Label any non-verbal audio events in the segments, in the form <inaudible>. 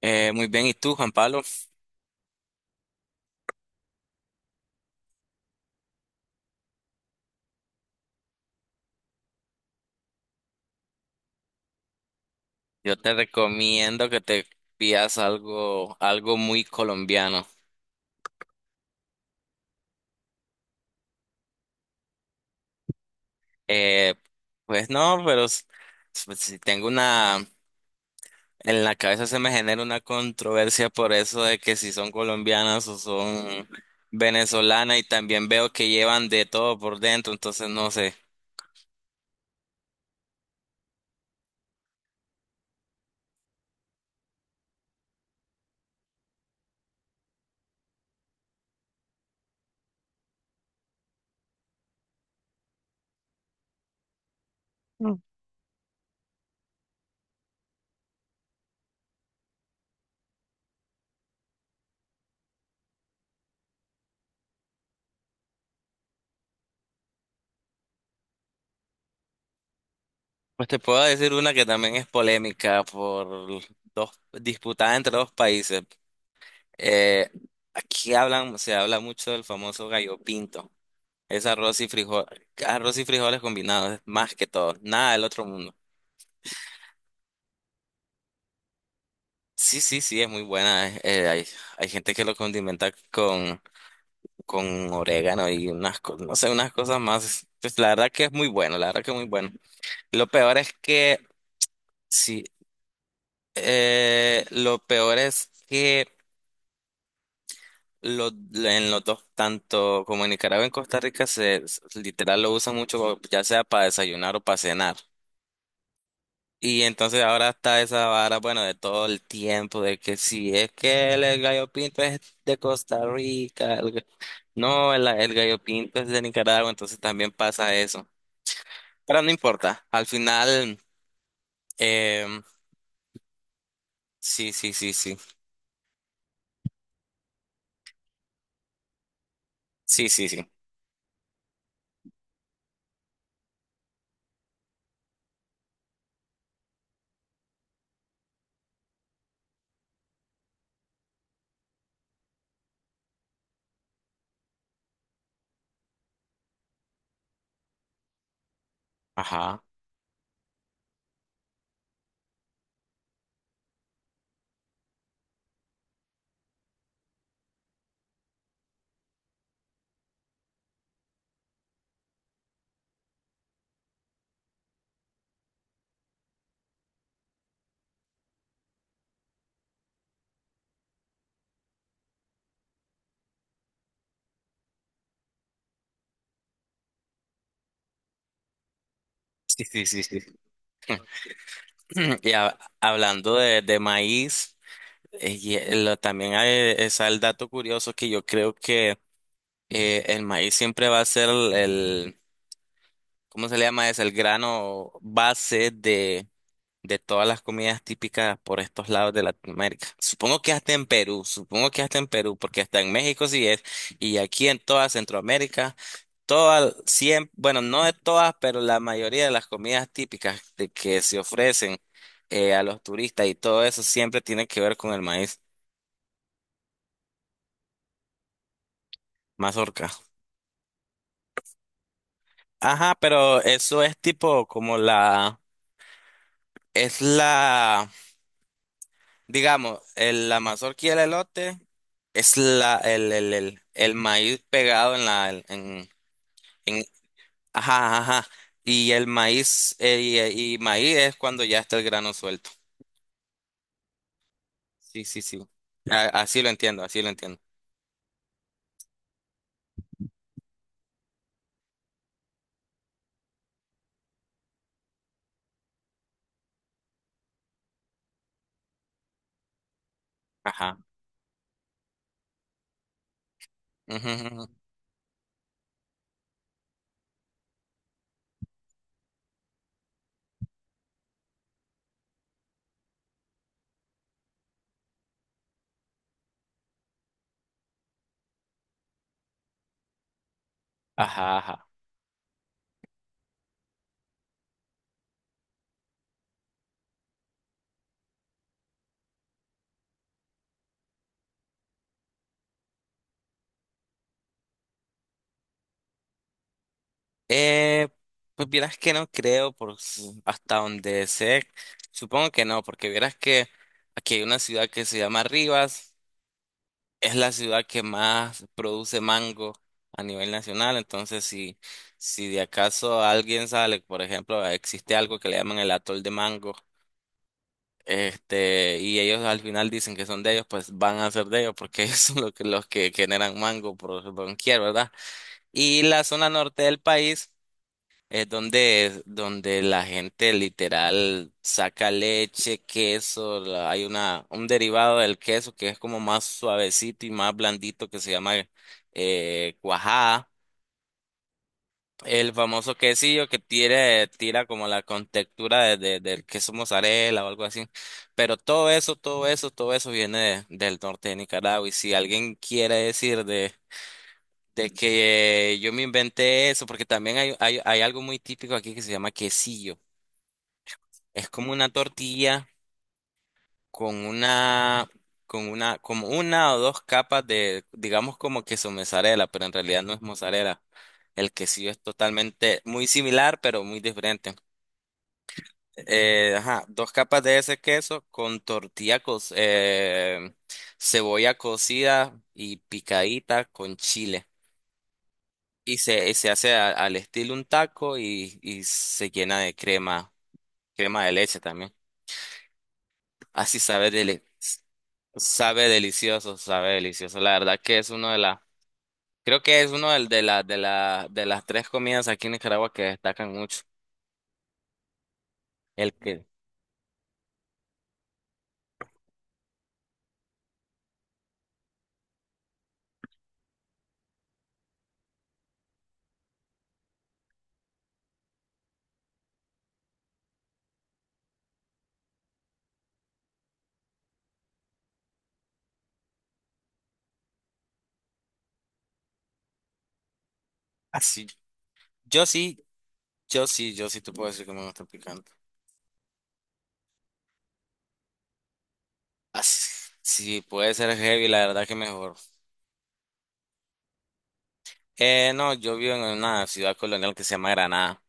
Muy bien, ¿y tú, Juan Pablo? Yo te recomiendo que te pidas algo muy colombiano. Eh, pues no, pero si tengo una, en la cabeza se me genera una controversia por eso de que si son colombianas o son venezolanas, y también veo que llevan de todo por dentro, entonces no sé. Pues te puedo decir una que también es polémica por dos, disputada entre dos países. Eh, Aquí se habla mucho del famoso gallo pinto. Es arroz y arroz y frijoles combinados, más que todo, nada del otro mundo. Sí, sí, sí, es muy buena. Hay gente que lo condimenta con orégano y no sé, unas cosas más. Pues la verdad que es muy bueno, la verdad que es muy bueno. Lo peor es que, sí, lo peor es que en los dos, tanto como en Nicaragua, en Costa Rica, literal lo usan mucho, ya sea para desayunar o para cenar. Y entonces ahora está esa vara, bueno, de todo el tiempo, de que si es que el gallo pinto es de Costa Rica, no, el gallo pinto es de Nicaragua, entonces también pasa eso. Pero no importa, al final, em, sí, sí, sí, sí, sí, sí, sí, ajá, sí, sí, sí, sí. <clears throat> Y hablando de maíz. Y también hay, está el dato curioso que yo creo que el maíz siempre va a ser ¿cómo se le llama? Es el grano base de todas las comidas típicas por estos lados de Latinoamérica. Supongo que hasta en Perú, supongo que hasta en Perú, porque hasta en México sí es, y aquí en toda Centroamérica, todas, siempre, bueno, no de todas, pero la mayoría de las comidas típicas de que se ofrecen a los turistas y todo eso siempre tiene que ver con el maíz. Mazorca. Ajá, pero eso es tipo como es la, digamos, la mazorca, y el elote es la, el maíz pegado en en, en- ajá, ajá, ajá. Y el maíz, y maíz es cuando ya está el grano suelto. Sí, sí, sí. Así lo entiendo, así lo entiendo. Ajá. Ujú, ujú, ujú. Ajá, ajá. Eh, pues vieras que no creo, hasta donde sé, supongo que no, porque vieras que aquí hay una ciudad que se llama Rivas, es la ciudad que más produce mango a nivel nacional, entonces si, si de acaso alguien sale, por ejemplo, existe algo que le llaman el atol de mango, este, y ellos al final dicen que son de ellos, pues van a ser de ellos, porque <laughs> ellos son los los que generan mango por doquier, ¿verdad? Y la zona norte del país. Es donde, donde la gente literal saca leche, queso, hay una, un derivado del queso que es como más suavecito y más blandito que se llama cuajada. El famoso quesillo que tira como la contextura de, del queso mozzarella o algo así. Pero todo eso, todo eso, todo eso viene del norte de Nicaragua. Y si alguien quiere decir de que yo me inventé eso, porque también hay algo muy típico aquí que se llama quesillo. Es como una tortilla con con una, como una o dos capas de, digamos como queso mozzarella, pero en realidad no es mozzarella. El quesillo es totalmente muy similar, pero muy diferente. Ajá, dos capas de ese queso con tortilla, cebolla cocida y picadita con chile. Y se hace al estilo un taco, y se llena de crema, crema de leche también. Así sabe, deli- Sabe delicioso, sabe delicioso. La verdad que es uno de creo que es uno de las tres comidas aquí en Nicaragua que destacan mucho. El que, así, yo sí, yo sí, yo sí te puedo decir que me gusta el picante. Así, sí, puede ser heavy, la verdad que mejor. No, yo vivo en una ciudad colonial que se llama Granada.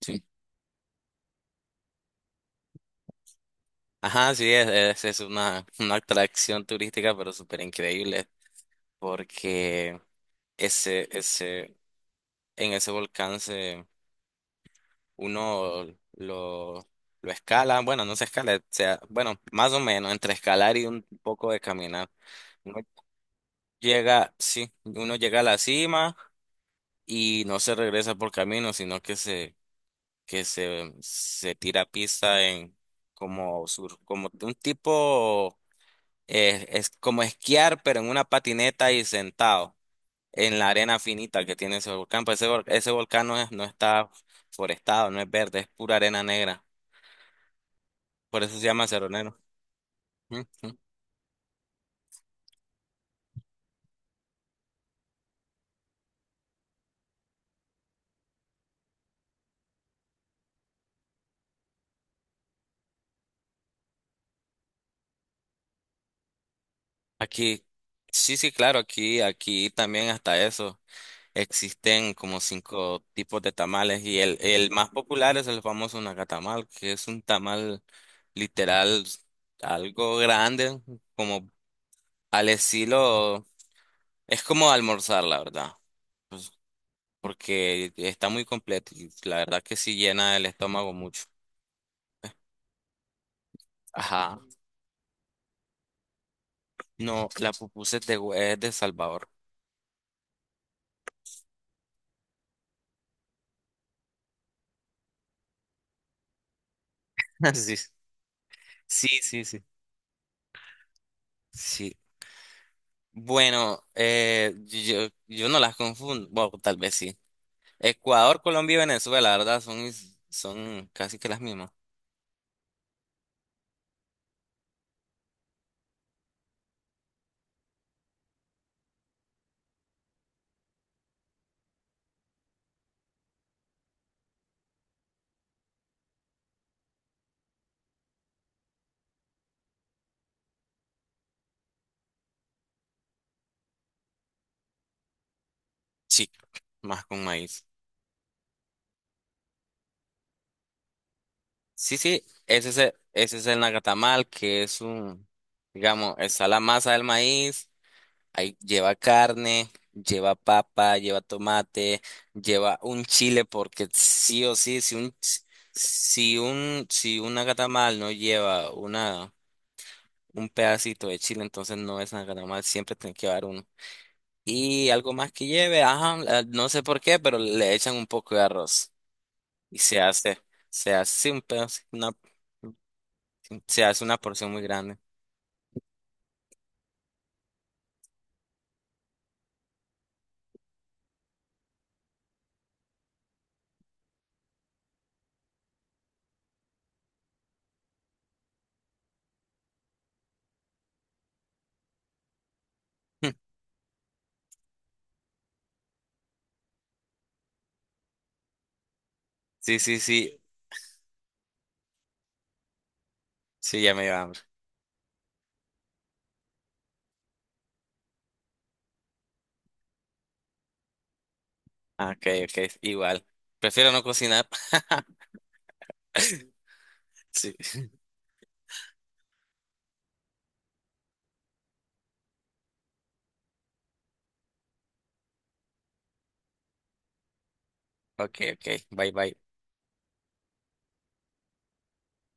Sí. Ajá, sí, es una atracción turística, pero súper increíble, porque ese, ese, en ese volcán se uno lo, lo escala, bueno, no se escala, o sea, bueno, más o menos entre escalar y un poco de caminar. Uno llega, sí, uno llega a la cima y no se regresa por camino, sino que se tira a pista en como sur, como un tipo, es como esquiar, pero en una patineta y sentado. En la arena finita que tiene ese volcán, pues ese volcán no está forestado, no es verde, es pura arena negra. Por eso se llama Seronero. Ujú. Aquí, sí, sí, claro, aquí, aquí también hasta eso. Existen como cinco tipos de tamales, y el más popular es el famoso nacatamal, que es un tamal literal algo grande, como al estilo, es como almorzar, la verdad, pues, porque está muy completo y la verdad que sí llena el estómago mucho. Ajá. No, la <laughs> pupusa es es de Salvador. <laughs> Sí, sí, sí, sí. Sí, bueno, yo no las confundo, bueno, tal vez sí. Ecuador, Colombia y Venezuela, la verdad, son casi que las mismas. Sí, más con maíz. Sí, sí, ese es ese es el nacatamal, que es un, digamos, está la masa del maíz, ahí lleva carne, lleva papa, lleva tomate, lleva un chile, porque sí o sí, si un nacatamal no lleva un pedacito de chile, entonces no es nada mal, siempre tienen que llevar uno. Y algo más que lleve, ajá, la- no sé por qué, pero le echan un poco de arroz y se hace un pedazo, una, se hace una porción muy grande. <laughs> Sí, sí, sí, sí, ya me iba. Ah, ok, ok, igual. Prefiero no cocinar. <laughs> Sí. Ok, ok, bye bye.